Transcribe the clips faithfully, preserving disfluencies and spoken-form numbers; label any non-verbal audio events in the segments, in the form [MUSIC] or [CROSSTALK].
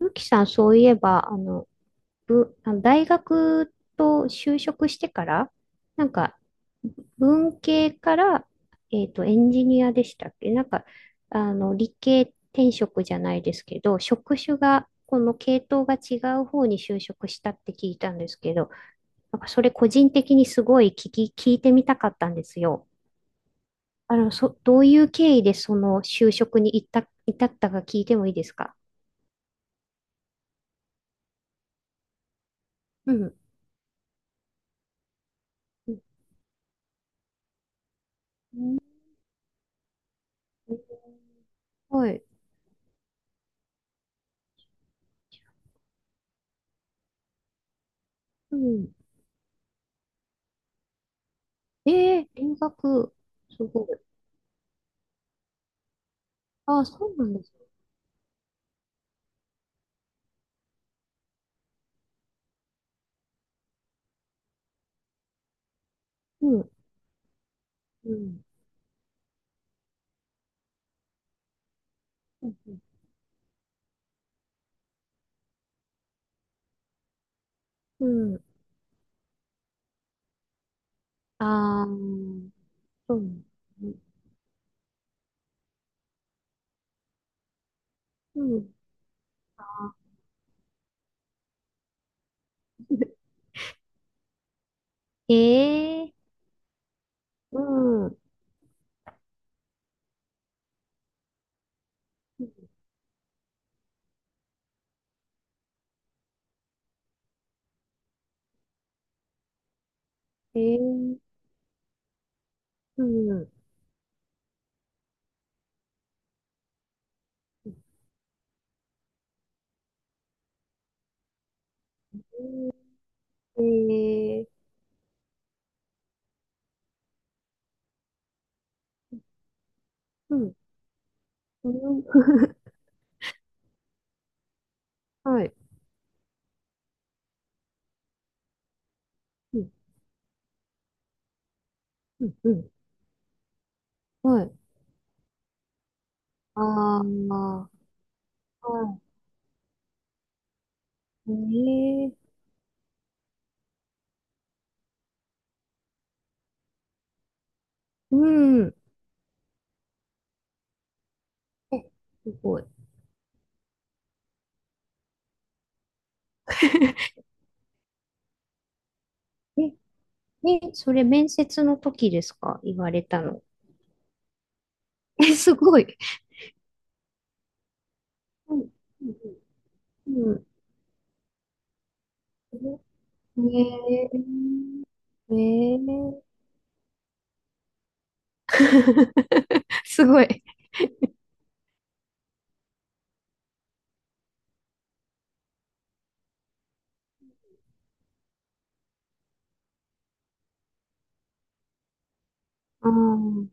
ゆきさん、そういえば、あの、ぶ、あの大学と就職してから、なんか、文系から、えっと、エンジニアでしたっけ。なんか、あの、理系転職じゃないですけど、職種が、この系統が違う方に就職したって聞いたんですけど、なんか、それ個人的にすごい聞き、聞いてみたかったんですよ。あの、そ、どういう経緯でその就職に至った、至ったか聞いてもいいですか？うん。うん。はい。うん。ええ、留学、すごい。ああ、そうなんですね。うん。うん。うん。うん。うん。ああ、そうなんですね。うん。あー。 [LAUGHS] ええ。うん。ええ。うん。ええ。うん。うん。 [LAUGHS] はい。うん。うん。うん。はい。ああ、はい。ええ。うん。え、すごい。[LAUGHS] え、え、それ面接の時ですか言われたの？え、すごい。うん、うん、うん。うん。ねえ、ねえ。[LAUGHS] すごい。うん。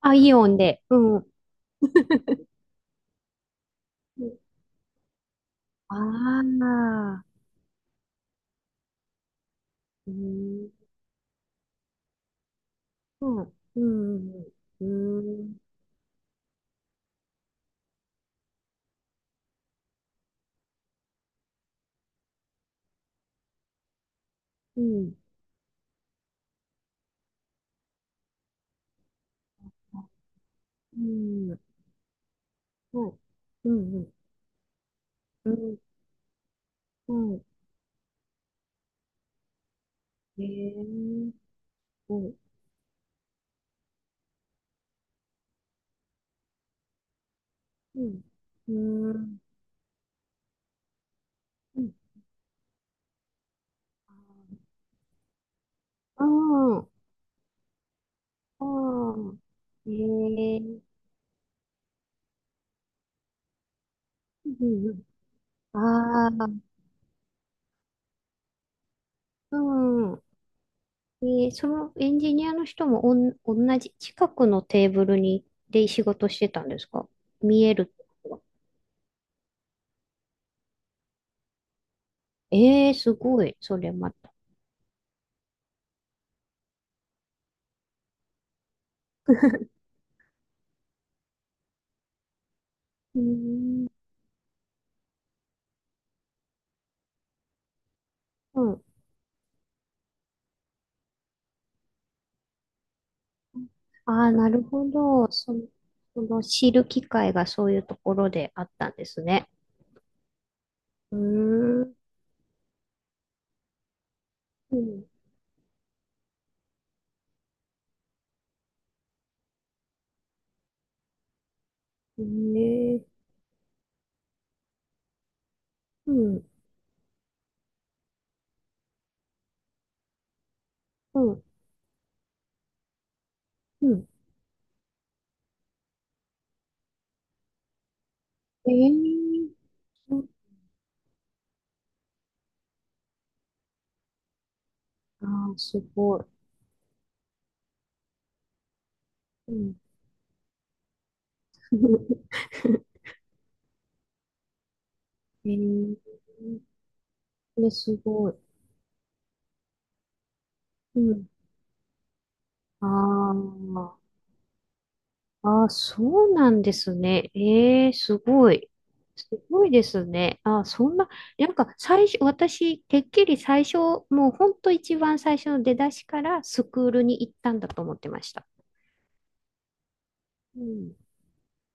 あ、イオンで。うん。ああー、うん、うん、うん、うん、うん、うん、うん、うん、うん、うん、うん、うん、え、うん、うん、うん、うん、ああ、ああ、へえ、ん、うん、ああ、うん。で、そのエンジニアの人もおん、同じ近くのテーブルに、で仕事してたんですか？見えるってことは。ええー、すごい、それまた。うーん。うん。ああ、なるほど。その、その知る機会がそういうところであったんですね。うーん。うん。ねえ。うん。うん。うん。ええー。そう。ああ、すごい。うん。[LAUGHS] ええー。ね、すごい。うん。あー。あー、そうなんですね。ええ、すごい。すごいですね。あー、そんな、なんか最初、私、てっきり最初、もう本当一番最初の出だしからスクールに行ったんだと思ってました。うん、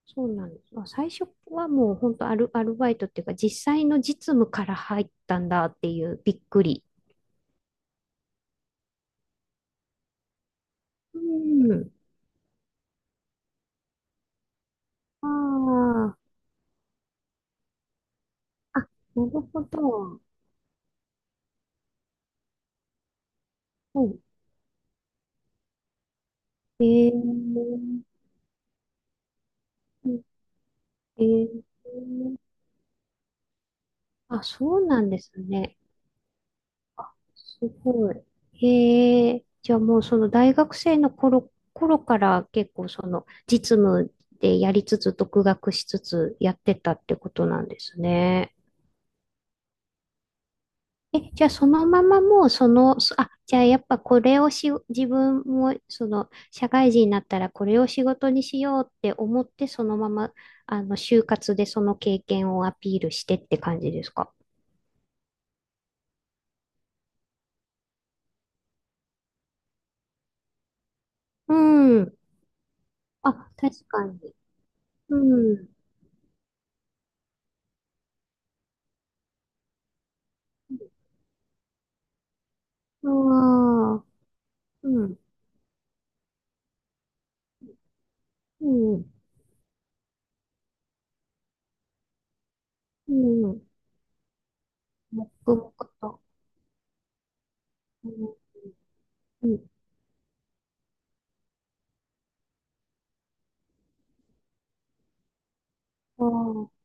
そうなんです。あ、最初はもう本当アル、アルバイトっていうか、実際の実務から入ったんだっていうびっくり。うん。ああ、あ、なるほど。うん。えー、えーあ、そうなんですね。すごい。へえ。じゃあもうその大学生の頃、頃から結構その実務でやりつつ独学しつつやってたってことなんですね。え、じゃあそのままもうその、そあ、じゃあやっぱこれをし、自分もその社会人になったらこれを仕事にしようって思ってそのままあの就活でその経験をアピールしてって感じですか？うん。あ、確かに。うん。ああ、うん、うん、うん、黙々と。うん、うん、ああ、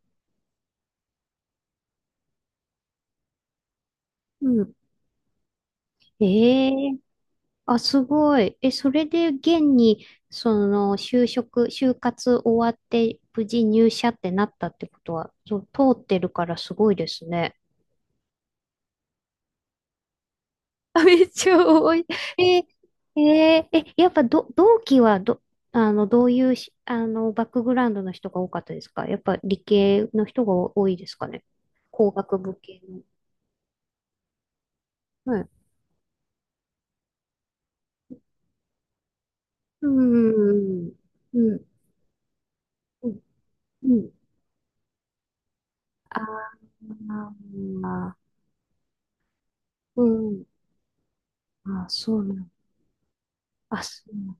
うん。ええ。あ、すごい。え、それで現に、その、就職、就活終わって、無事入社ってなったってことは、そう、通ってるからすごいですね。あ、めっちゃ多い。[LAUGHS] えー、えー、え、やっぱど、同期はど、あの、どういうし、あの、バックグラウンドの人が多かったですか？やっぱ理系の人が多いですかね？工学部系の。はい。うん。うん。うん。うん。ああ、うん。あ、そうなの。あ、そうなの。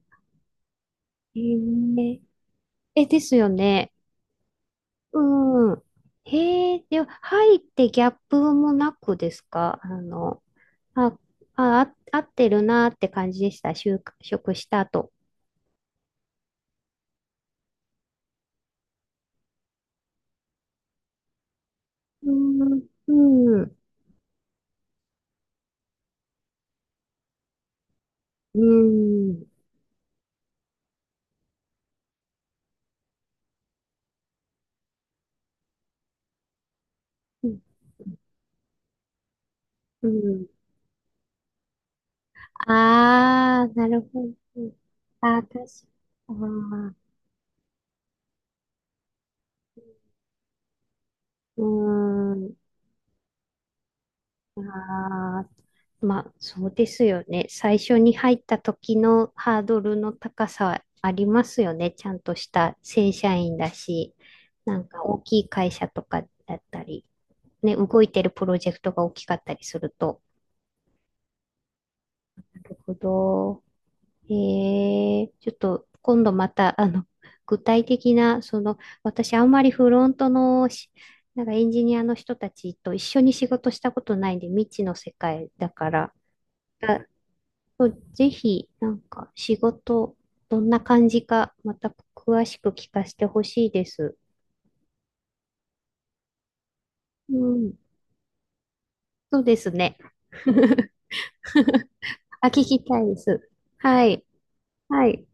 えー、え、ですよね。うん。へえ、では、入ってギャップもなくですか？あの、あ、あ、あ合ってるなって感じでした。就職した後。うん、うん、うん、うん。うん。ああ、なるほど。ああ、確か。あー。うーん。ああ、まあ、そうですよね。最初に入った時のハードルの高さありますよね。ちゃんとした正社員だし、なんか大きい会社とかだったり、ね、動いてるプロジェクトが大きかったりすると。るほど。ええ、ちょっと今度また、あの、具体的な、その、私あんまりフロントのし、なんかエンジニアの人たちと一緒に仕事したことないんで、未知の世界だから、あ、そう、ぜひ、なんか仕事、どんな感じか、また詳しく聞かせてほしいです。うん、そうですね。[LAUGHS] あ、聞きたいです。はい。はい。